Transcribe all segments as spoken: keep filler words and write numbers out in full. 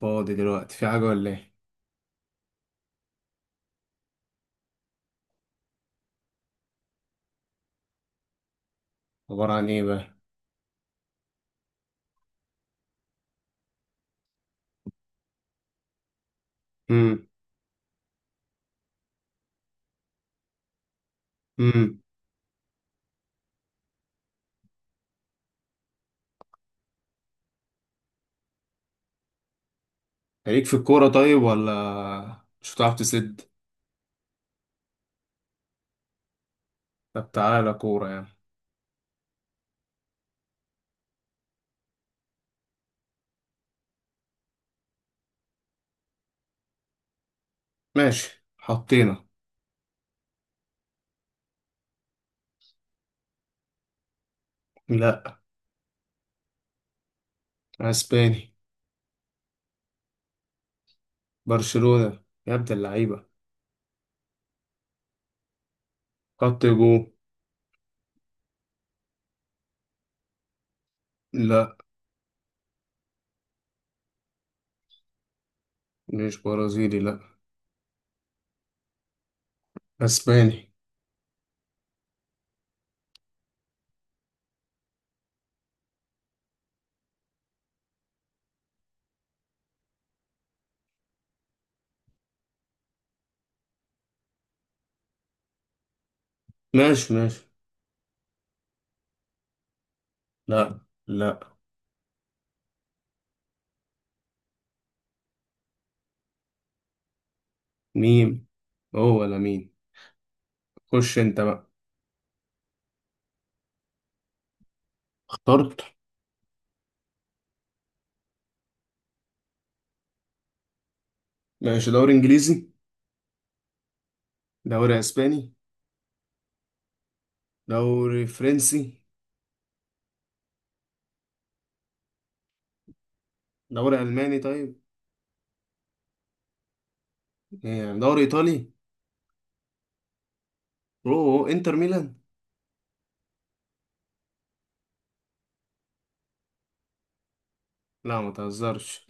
فاضي دلوقتي في حاجة ولا ايه؟ عبارة عن ايه بقى؟ امم امم ليك في الكورة طيب ولا مش هتعرف تسد؟ طب تعالى كورة يعني. ماشي حطينا. لا، اسباني. برشلونة يا ابن اللعيبة. خط هجوم. لا، مش برازيلي. لا، اسباني. ماشي ماشي. لا، لا، ميم، هو ولا مين؟ خش انت بقى. اخترت. ماشي، دوري انجليزي؟ دوري اسباني؟ دوري فرنسي؟ دوري ألماني طيب؟ ايه يعني، دوري ايطالي؟ اوه، انتر ميلان. لا ما تهزرش.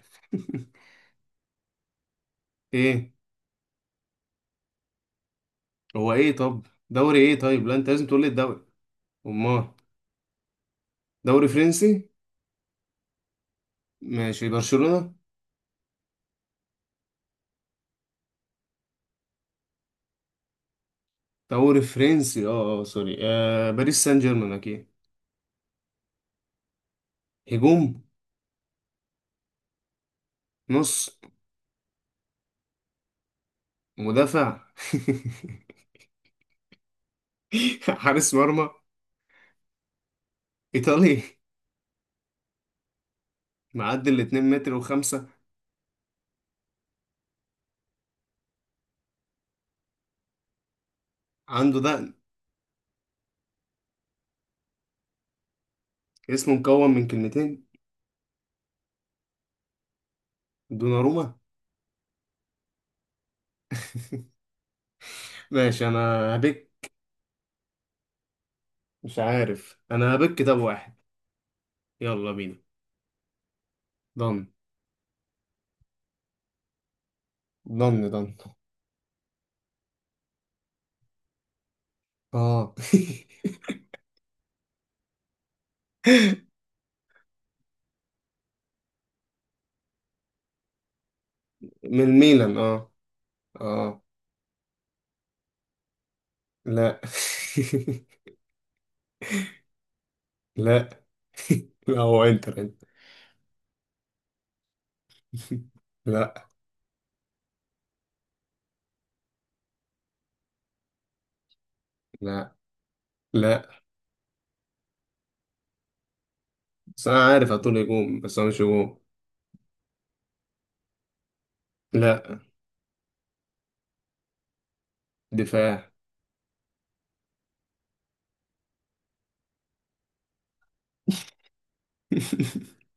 ايه؟ هو ايه طب؟ دوري ايه طيب؟ لا انت لازم تقول لي الدوري. امال؟ دوري فرنسي. ماشي، برشلونة. دوري فرنسي، اه اه، سوري، آه باريس سان جيرمان اكيد. هجوم. نص. مدافع. حارس مرمى. ايطالي. معدي الاتنين متر وخمسة. عنده دقن. اسمه مكون من كلمتين. دوناروما. ماشي انا. هبك. مش عارف، انا هبك كتاب واحد. يلا بينا. ضن. ضن ضن. اه. من ميلان، اه. اه، لا. لا. لا هو انتر انت. لا. لا. لا بس انا عارف هتقول هجوم، بس هو مش هجوم. لا. دفاع.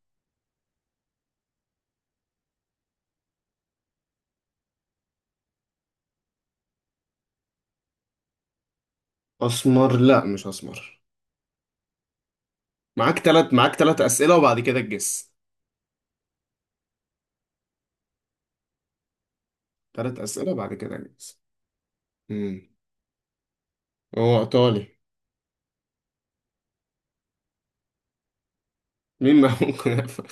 اسمر؟ لا مش اسمر. معاك تلات، معاك تلات اسئله وبعد كده تجس. تلات اسئله وبعد كده تجس. امم، هو ايطالي. مين ما ممكن يفهم؟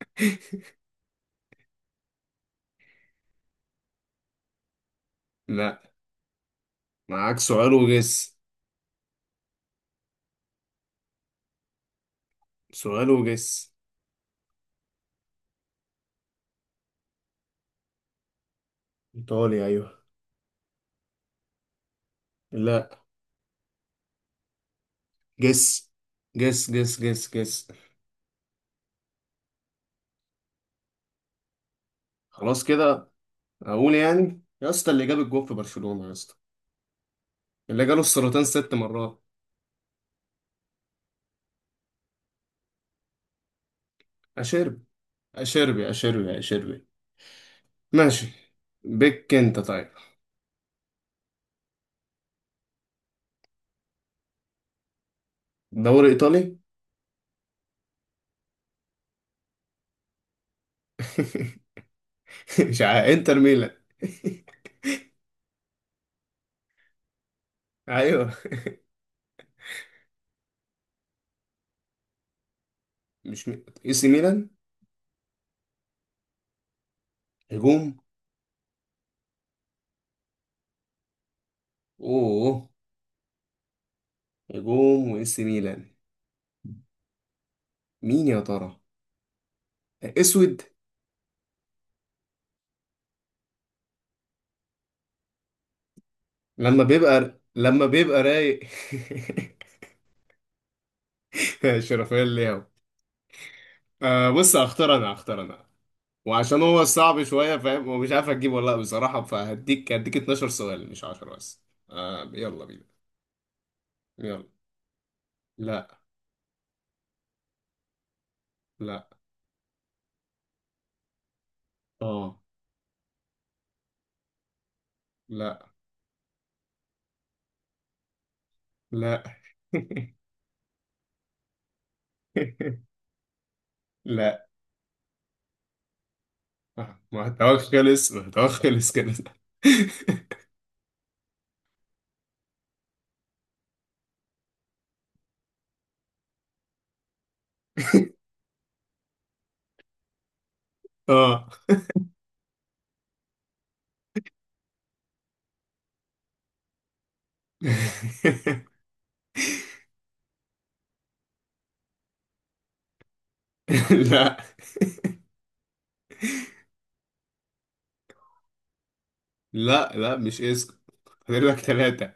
لا، معاك سؤال وجس. سؤال وجس. إيطالي، أيوه. لا. جس جس جس جس جس. خلاص كده. اقول يعني يا اسطى، اللي جاب الجول في برشلونة يا اسطى، اللي جاله السرطان ست مرات. اشيربي، اشيربي اشيربي اشيربي. ماشي. بك انت طيب. دوري ايطالي. مش عارف، انتر ميلان. ايوه. مش مي... اي سي ميلان. هجوم. اوه. هجوم واي سي ميلان. مين يا ترى؟ اسود. لما بيبقى لما بيبقى رايق. شرفيا ليه. آه بص، هختار انا هختار انا. وعشان هو صعب شويه، فاهم ومش عارف اجيبه ولا لا بصراحه، فهديك هديك اثناشر سؤال مش عشرة بس. آه يلا بينا. يلا. لا. لا. اه. لا. لا. لا. محتواك خلص، محتواك خلص كده. اه. لا. لا، لا مش اسم. فاضل لك ثلاثة.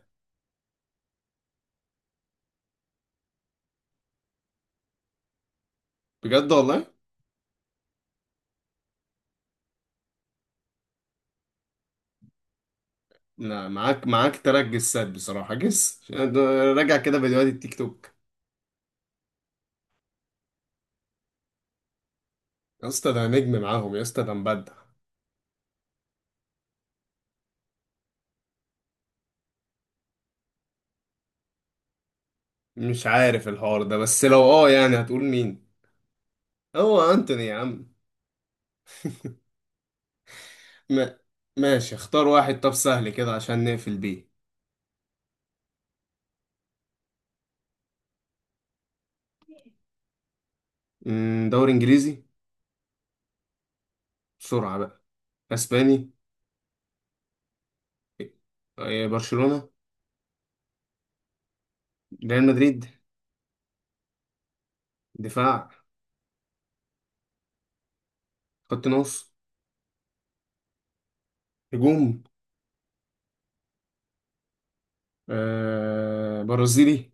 بجد والله. لا، معاك معاك تراك جسات بصراحة، جس ده. راجع كده فيديوهات التيك توك. يا اسطى ده نجم معاهم، يا اسطى ده مبدع. مش عارف الحوار ده، بس لو اه يعني هتقول مين؟ هو انتوني يا عم. ما، ماشي. اختار واحد طب سهل كده عشان نقفل بيه. أمم، دوري انجليزي؟ بسرعة بقى. اسباني؟ إيه، برشلونة؟ ريال مدريد. دفاع؟ خط نص؟ هجوم. آه برازيلي.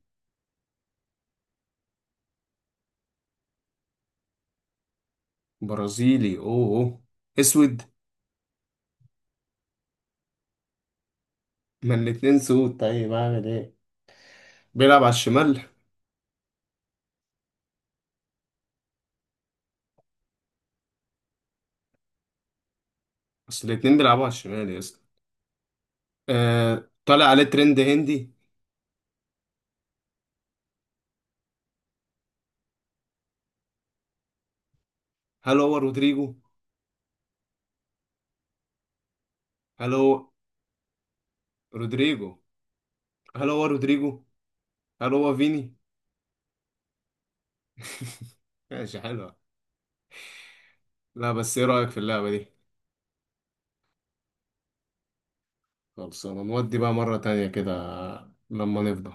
برازيلي، اوه أوه. اسود. ما الاتنين سود طيب، اعمل ايه؟ بيلعب على الشمال؟ اصل الاتنين بيلعبوا على الشمال يا اسطى. آه، طالع عليه ترند هندي. هل هو رودريجو؟ هل هو رودريجو هل هو رودريجو هل هو فيني؟ ماشي، حلوة. لا بس ايه رأيك في اللعبة دي؟ خلصانة، نودي بقى مرة تانية كده لما نفضى.